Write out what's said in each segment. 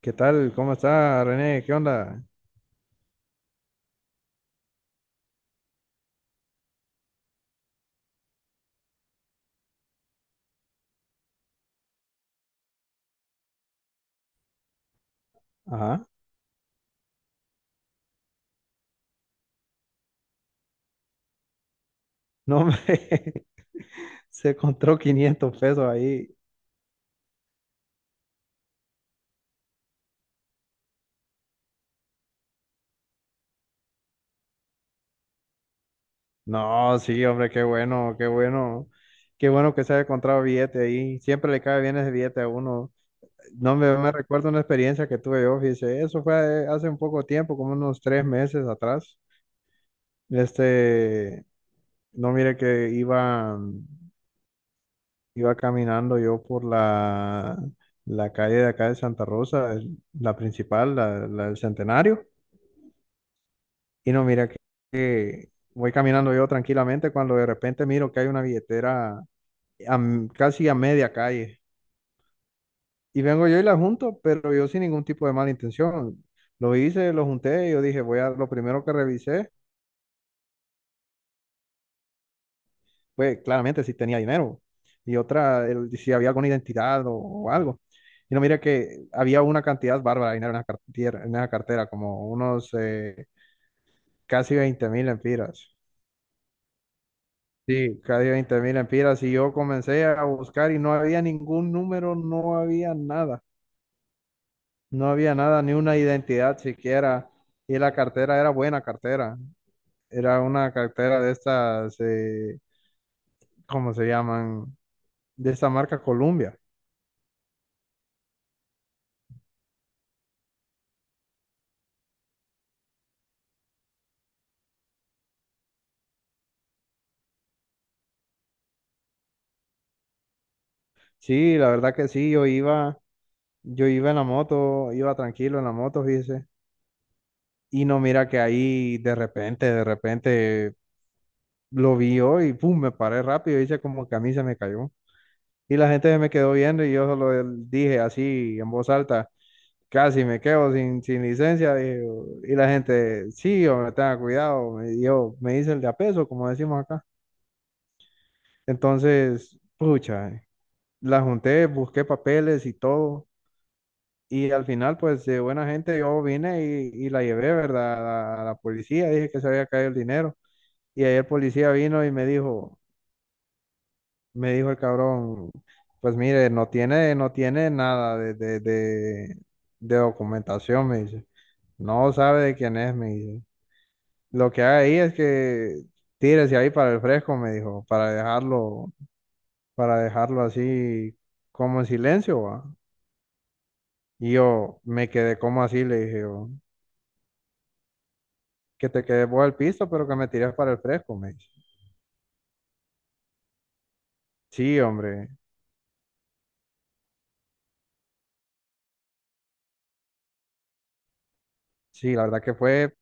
¿Qué tal? ¿Cómo está, René? ¿Qué onda? Ajá. No, hombre, se encontró 500 pesos ahí. No, sí, hombre, qué bueno, qué bueno. Qué bueno que se haya encontrado billete ahí. Siempre le cae bien ese billete a uno. No, me recuerdo una experiencia que tuve yo, fíjese. Eso fue hace un poco tiempo, como unos 3 meses atrás. Este, no, mire que iba caminando yo por la calle de acá de Santa Rosa, la principal, la del Centenario. Y no, mira que voy caminando yo tranquilamente cuando de repente miro que hay una billetera casi a media calle. Y vengo yo y la junto, pero yo sin ningún tipo de mala intención. Lo hice, lo junté, y yo dije, voy a, lo primero que revisé fue claramente si tenía dinero y otra, si había alguna identidad o algo. Y no, mira que había una cantidad bárbara de dinero en la cartera, como unos casi 20.000 empiras. Sí, casi 20.000 empiras y yo comencé a buscar y no había ningún número, no había nada, ni una identidad siquiera. Y la cartera era buena cartera, era una cartera de estas, ¿cómo se llaman? De esta marca Columbia. Sí, la verdad que sí, yo iba en la moto, iba tranquilo en la moto, fíjese. Y no mira que ahí de repente lo vi yo y pum, me paré rápido, hice como que a mí se me cayó. Y la gente se me quedó viendo y yo solo dije así en voz alta, casi me quedo sin licencia. Dije, "Oh", y la gente, sí, hombre, tenga cuidado. Me hice el de a peso, como decimos acá. Entonces, pucha, la junté, busqué papeles y todo. Y al final, pues de buena gente, yo vine y la llevé, ¿verdad? A la policía, dije que se había caído el dinero. Y ahí el policía vino y me dijo el cabrón, pues mire, no tiene nada de documentación, me dice. No sabe de quién es, me dice. Lo que hay ahí es que tírese ahí para el fresco, me dijo, para dejarlo así como en silencio, va. Y yo me quedé como así, le dije yo, que te quedes vos al piso, pero que me tires para el fresco, me dice. Sí, hombre, sí, la verdad que fue,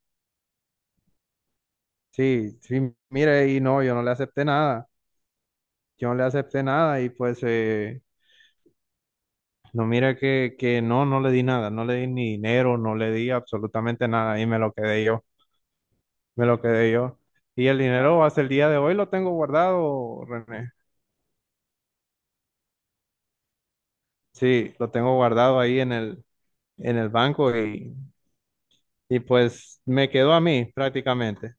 sí, sí, mire, y no, yo no le acepté nada. Yo no le acepté nada y pues no mira que no, no le di nada, no le di ni dinero, no le di absolutamente nada y me lo quedé yo, me lo quedé yo. Y el dinero hasta el día de hoy lo tengo guardado, René. Sí, lo tengo guardado ahí en el banco y pues me quedó a mí prácticamente.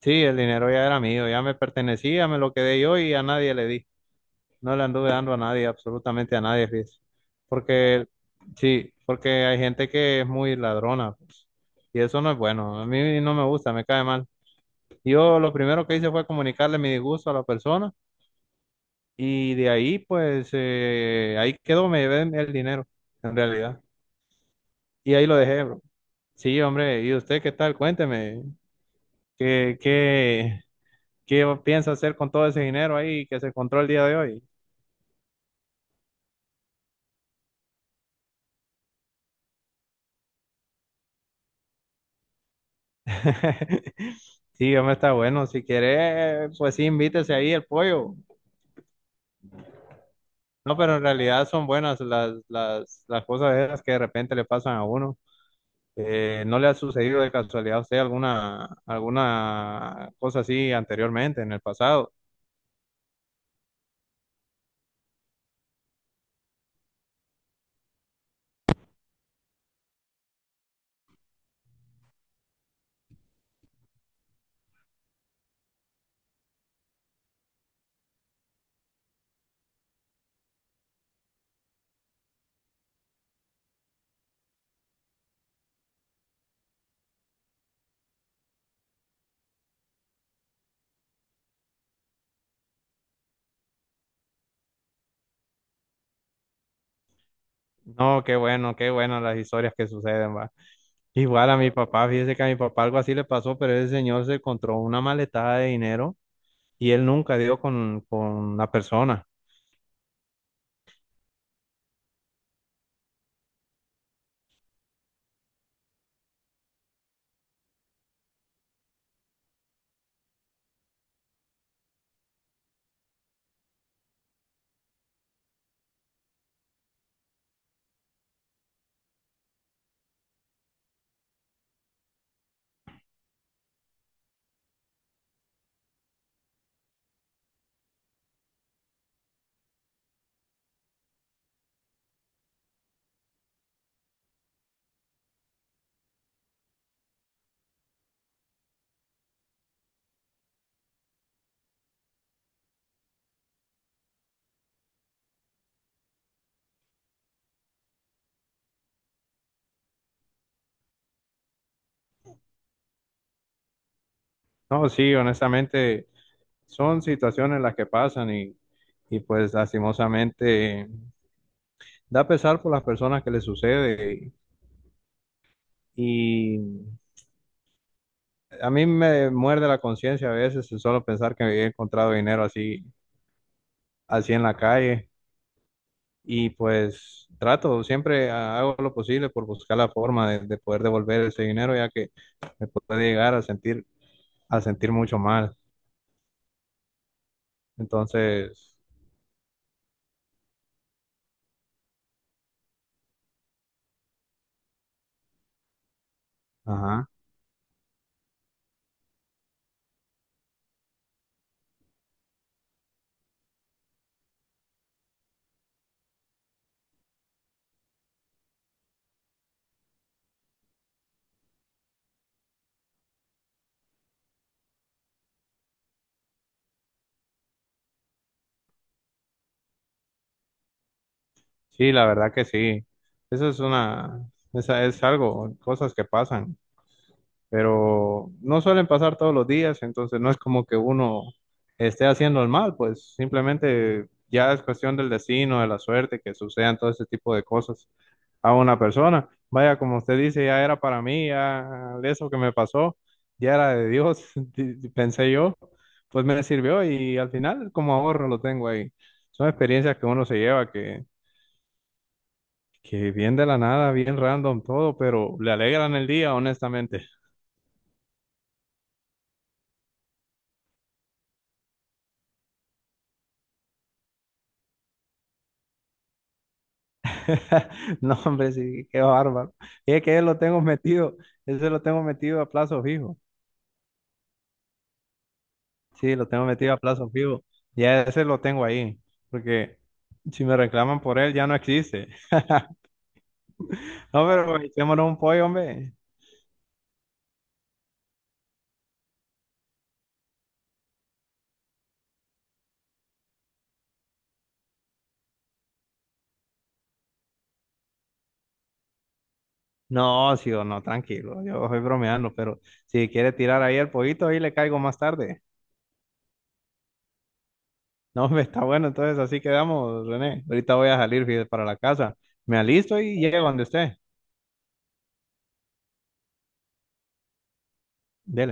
Sí, el dinero ya era mío, ya me pertenecía, me lo quedé yo y a nadie le di. No le anduve dando a nadie, absolutamente a nadie, fíjese. Porque, sí, porque hay gente que es muy ladrona, pues, y eso no es bueno. A mí no me gusta, me cae mal. Yo lo primero que hice fue comunicarle mi disgusto a la persona y de ahí, pues, ahí quedó, me llevé el dinero, en realidad. Y ahí lo dejé, bro. Sí, hombre, ¿y usted qué tal? Cuénteme, ¿qué, qué, qué piensa hacer con todo ese dinero ahí que se encontró el día de hoy? Sí, hombre, está bueno. Si quiere, pues sí, invítese ahí el pollo. No, pero en realidad son buenas las cosas esas que de repente le pasan a uno. ¿No le ha sucedido de casualidad a usted alguna cosa así anteriormente, en el pasado? No, qué bueno las historias que suceden, va. Igual a mi papá, fíjese que a mi papá algo así le pasó, pero ese señor se encontró una maletada de dinero y él nunca dio con la persona. No, sí, honestamente. Son situaciones las que pasan y pues lastimosamente da pesar por las personas que les sucede y a mí me muerde la conciencia a veces solo pensar que he encontrado dinero así en la calle y pues trato, siempre hago lo posible por buscar la forma de poder devolver ese dinero ya que me puede llegar a sentir mucho mal. Entonces, ajá. Sí, la verdad que sí. Eso es una, Esa es algo, cosas que pasan, pero no suelen pasar todos los días, entonces no es como que uno esté haciendo el mal, pues simplemente ya es cuestión del destino, de la suerte, que sucedan todo ese tipo de cosas a una persona. Vaya, como usted dice, ya era para mí, ya eso que me pasó, ya era de Dios, pensé yo, pues me sirvió y al final como ahorro lo tengo ahí. Son experiencias que uno se lleva que bien de la nada, bien random todo, pero le alegran el día, honestamente. No, hombre, sí, qué bárbaro. Y es que lo tengo metido, ese lo tengo metido a plazo fijo. Sí, lo tengo metido a plazo fijo. Ya ese lo tengo ahí, porque si me reclaman por él, ya no existe. No, pero echémonos un pollo, hombre. No, sí o no, tranquilo, yo estoy bromeando, pero si quiere tirar ahí el pollito, ahí le caigo más tarde. No, hombre, está bueno, entonces así quedamos, René. Ahorita voy a salir fíjate, para la casa. Me alisto y llego donde esté. Dele.